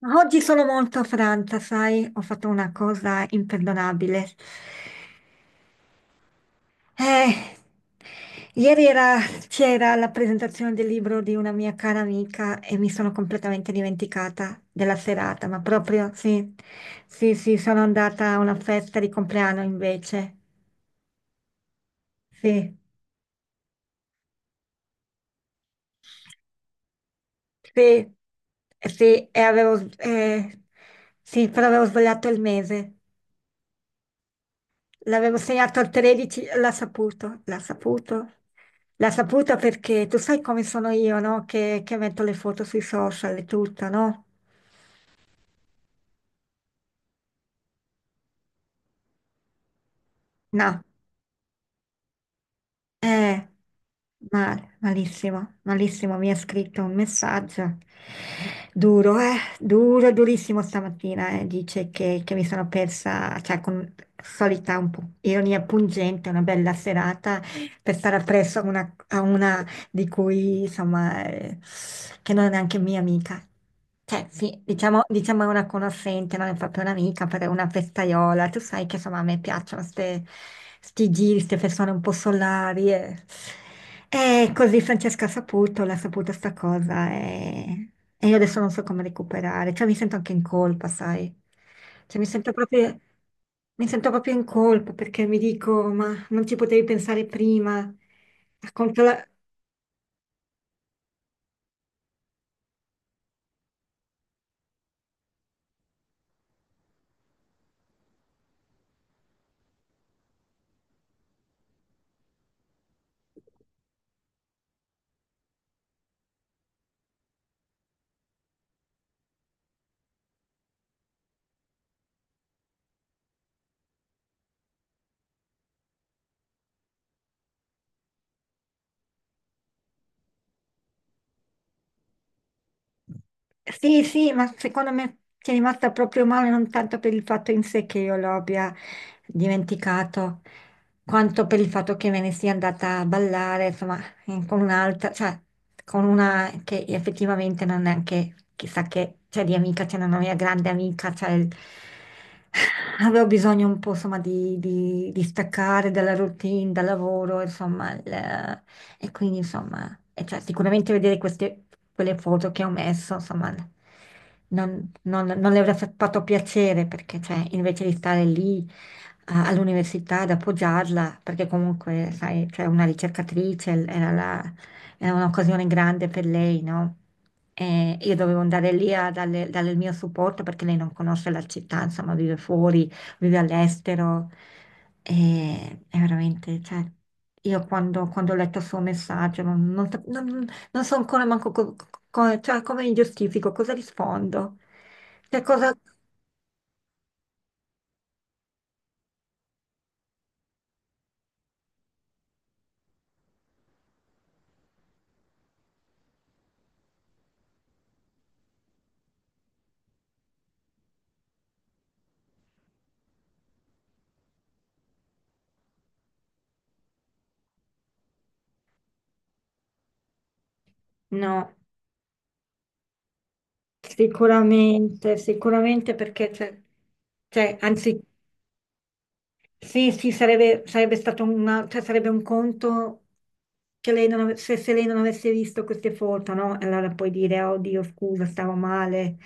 Ma oggi sono molto affranta, sai, ho fatto una cosa imperdonabile. Eh, ieri era- c'era la presentazione del libro di una mia cara amica e mi sono completamente dimenticata della serata, ma proprio sì, sì, sono andata a una festa di compleanno invece. Sì, sì, sì, sì, però avevo sbagliato il mese. L'avevo segnato al 13, l'ha saputo, l'ha saputo. L'ha saputo perché tu sai come sono io, no? Che metto le foto sui social e tutto, no? No, eh, male, malissimo, malissimo. Mi ha scritto un messaggio duro, duro, durissimo stamattina. Dice che mi sono persa, cioè con solita un po' ironia pungente, una bella serata per stare appresso a una, di cui insomma, che non è neanche mia amica. Cioè, sì, diciamo, diciamo è una conoscente, non è proprio un'amica, però è una festaiola. Tu sai che insomma a me piacciono ste, sti giri, queste persone un po' solari. E così Francesca ha saputo, l'ha saputa sta cosa e io adesso non so come recuperare. Cioè mi sento anche in colpa, sai? Cioè mi sento proprio in colpa perché mi dico, ma non ci potevi pensare prima. A controlla- Sì, sì, ma secondo me ci è rimasta proprio male non tanto per il fatto in sé che io lo abbia dimenticato, quanto per il fatto che me ne sia andata a ballare, insomma, con un'altra, cioè, con una che effettivamente non è anche chissà che, cioè, di amica, cioè, una mia grande amica, cioè, avevo bisogno un po', insomma, di staccare dalla routine, dal lavoro, insomma, e quindi, insomma, e cioè, sicuramente vedere queste, quelle foto che ho messo, insomma, non le avrà fatto piacere perché, cioè, invece di stare lì all'università ad appoggiarla, perché comunque, sai, cioè, una era, era un'occasione grande per lei, no? E io dovevo andare lì a darle, darle il mio supporto perché lei non conosce la città, insomma, vive fuori, vive all'estero. E è veramente, cioè, io quando, quando ho letto il suo messaggio non, non so ancora manco cioè, come mi giustifico, cosa rispondo. Cioè, cosa... No, sicuramente, sicuramente perché, cioè, cioè, anzi sì, sì, sarebbe, sarebbe stato una, cioè sarebbe un conto che lei non ave- se, se lei non avesse visto queste foto, no? E allora puoi dire, oh Dio, scusa, stavo male,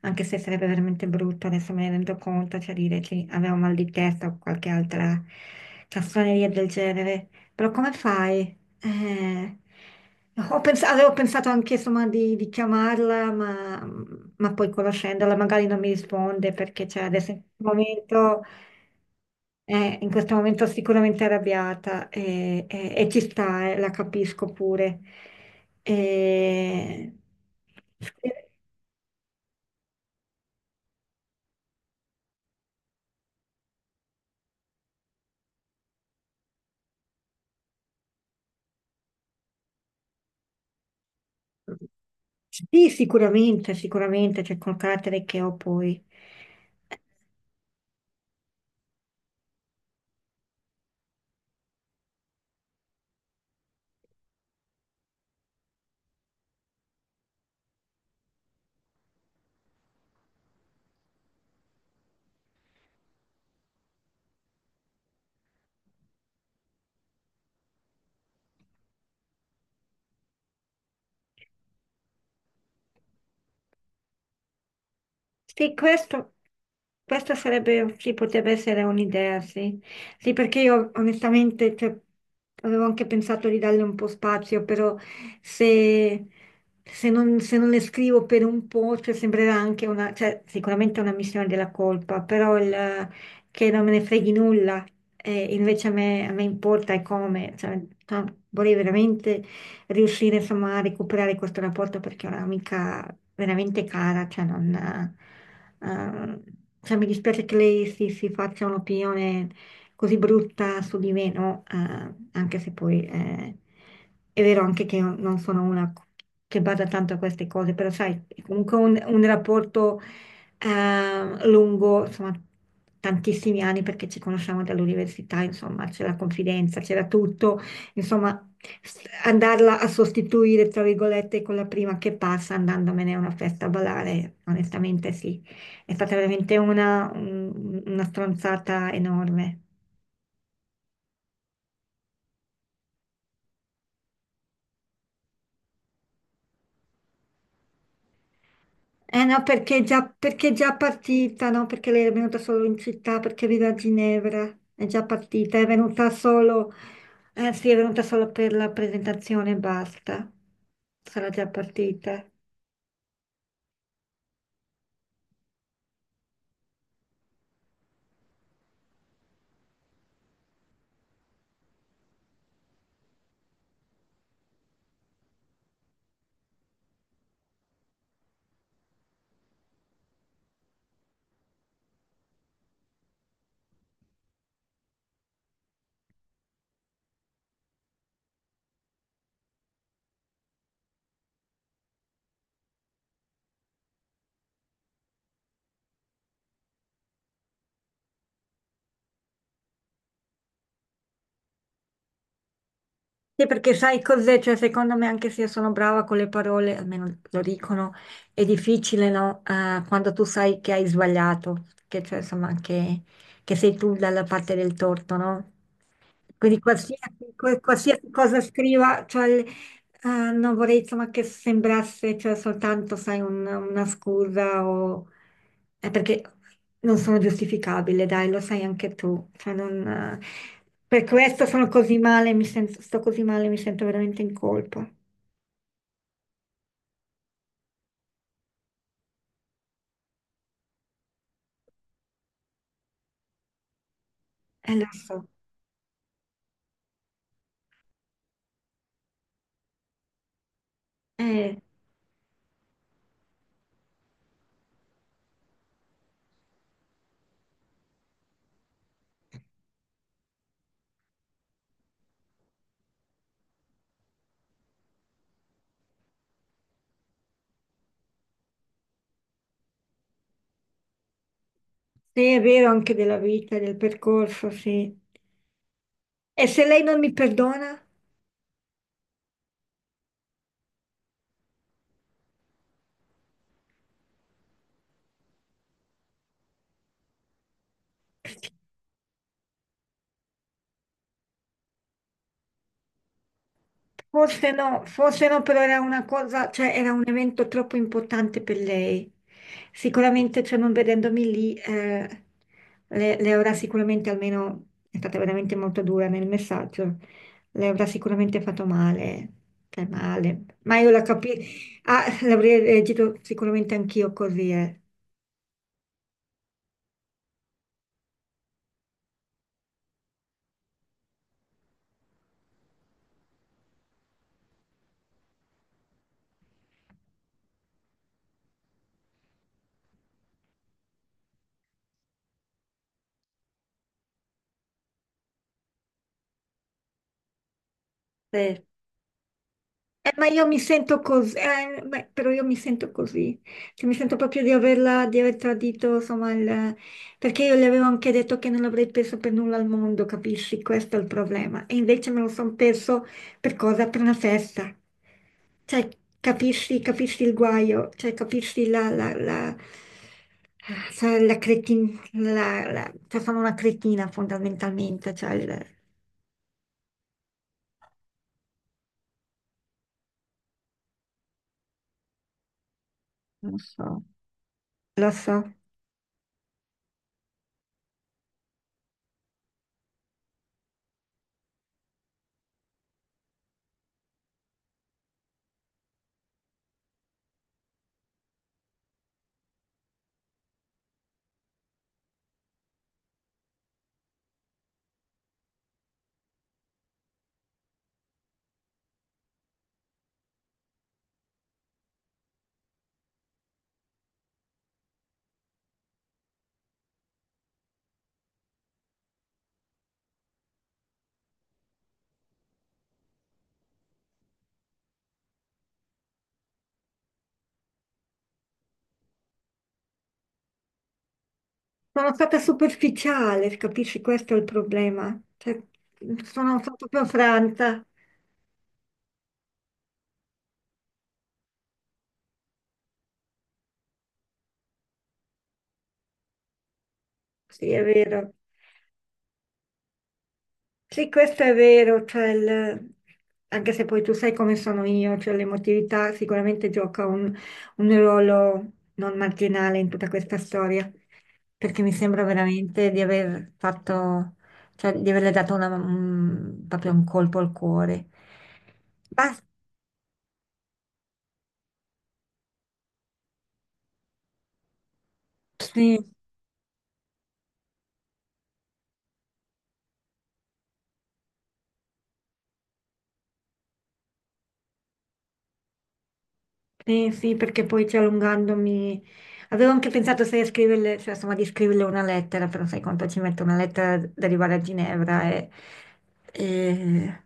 anche se sarebbe veramente brutto, adesso me ne rendo conto, cioè dire che avevo mal di testa o qualche altra castroneria del genere. Però come fai? Eh, avevo pensato anche insomma di chiamarla, ma poi conoscendola magari non mi risponde perché cioè, adesso in questo momento sicuramente arrabbiata e, ci sta, la capisco pure. Eh, sì, sicuramente, sicuramente, c'è col carattere che ho poi. Sì, questo, questa sarebbe, sì, potrebbe essere un'idea, sì. Sì, perché io onestamente, cioè, avevo anche pensato di darle un po' spazio, però se, se non le scrivo per un po', cioè, sembrerà anche una, cioè, sicuramente una missione della colpa, però il, che non me ne freghi nulla, invece a me importa e come, cioè, no, vorrei veramente riuscire insomma a recuperare questo rapporto perché è un'amica veramente cara, cioè non... ehm, cioè, mi dispiace che lei si faccia un'opinione così brutta su di me, no? Anche se poi è vero anche che io non sono una che bada tanto a queste cose, però sai, è comunque un rapporto lungo, insomma, tantissimi anni perché ci conosciamo dall'università, insomma, c'è la confidenza, c'era tutto, insomma, andarla a sostituire, tra virgolette, con la prima che passa andandomene a una festa a ballare, onestamente sì, è stata veramente una, una stronzata enorme. Eh no, perché già, perché è già partita, no? Perché lei è venuta solo in città, perché vive a Ginevra, è già partita, è venuta solo, eh sì, è venuta solo per la presentazione e basta, sarà già partita. Sì, perché sai cos'è? Cioè, secondo me, anche se io sono brava con le parole, almeno lo dicono, è difficile, no? Quando tu sai che hai sbagliato, che cioè, insomma, che sei tu dalla parte del torto, no? Quindi qualsiasi, qualsiasi cosa scriva, cioè, ah, non vorrei insomma che sembrasse cioè, soltanto, sai, una scusa o... perché non sono giustificabile, dai, lo sai anche tu. Cioè, non, per questo sono così male, mi sento, sto così male, mi sento veramente in colpa. Lo so. Eh, sì, è vero anche della vita, del percorso, sì. E se lei non mi perdona? Forse no, però era una cosa, cioè era un evento troppo importante per lei. Sicuramente, cioè non vedendomi lì, le avrà sicuramente almeno, è stata veramente molto dura nel messaggio, le avrà sicuramente fatto male, cioè male. Ma io la capisco, ah, l'avrei reagito sicuramente anch'io così, eh. Ma io mi sento così, beh, però io mi sento così, cioè, mi sento proprio di averla, di aver tradito, insomma, perché io le avevo anche detto che non avrei perso per nulla al mondo, capisci? Questo è il problema. E invece me lo sono perso per cosa? Per una festa. Cioè, capisci, capisci il guaio, cioè, capisci la, cioè, la cretin- la- la- cioè, sono una cretina fondamentalmente, cioè, non so, lo so. Sono stata superficiale, capisci? Questo è il problema. Cioè, sono stata proprio franta. Sì, è vero. Sì, questo è vero. Cioè, anche se poi tu sai come sono io, cioè l'emotività sicuramente gioca un ruolo non marginale in tutta questa storia, perché mi sembra veramente di aver fatto, cioè di averle dato proprio un colpo al cuore. Basta, sì. Sì, sì, perché poi ci allungandomi... Avevo anche pensato se scriverle, cioè, insomma, di scriverle una lettera, però sai quanto ci mette una lettera ad arrivare a Ginevra e,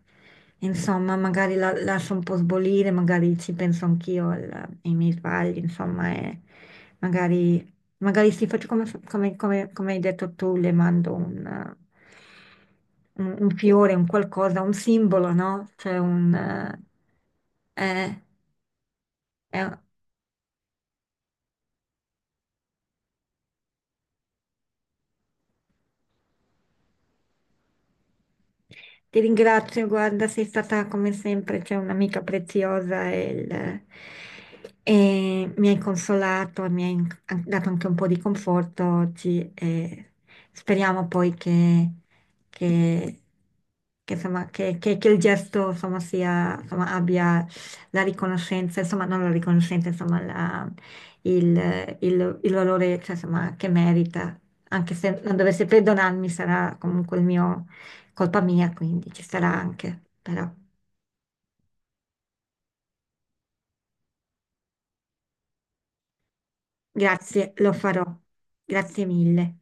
insomma, magari la lascio un po' sbolire, magari ci penso anch'io ai miei sbagli, insomma, e magari, magari sì, faccio come, come hai detto tu, le mando un, un fiore, un qualcosa, un simbolo, no? Cioè un... eh, è ti ringrazio, guarda, sei stata come sempre, cioè un'amica preziosa e, e mi hai consolato, mi hai dato anche un po' di conforto oggi e speriamo poi che, che- che, insomma, che il gesto insomma, sia, insomma, abbia la riconoscenza, insomma non la riconoscenza, insomma il valore cioè, insomma, che merita, anche se non dovesse perdonarmi sarà comunque il mio colpa mia, quindi ci sarà anche, però. Grazie, lo farò. Grazie mille.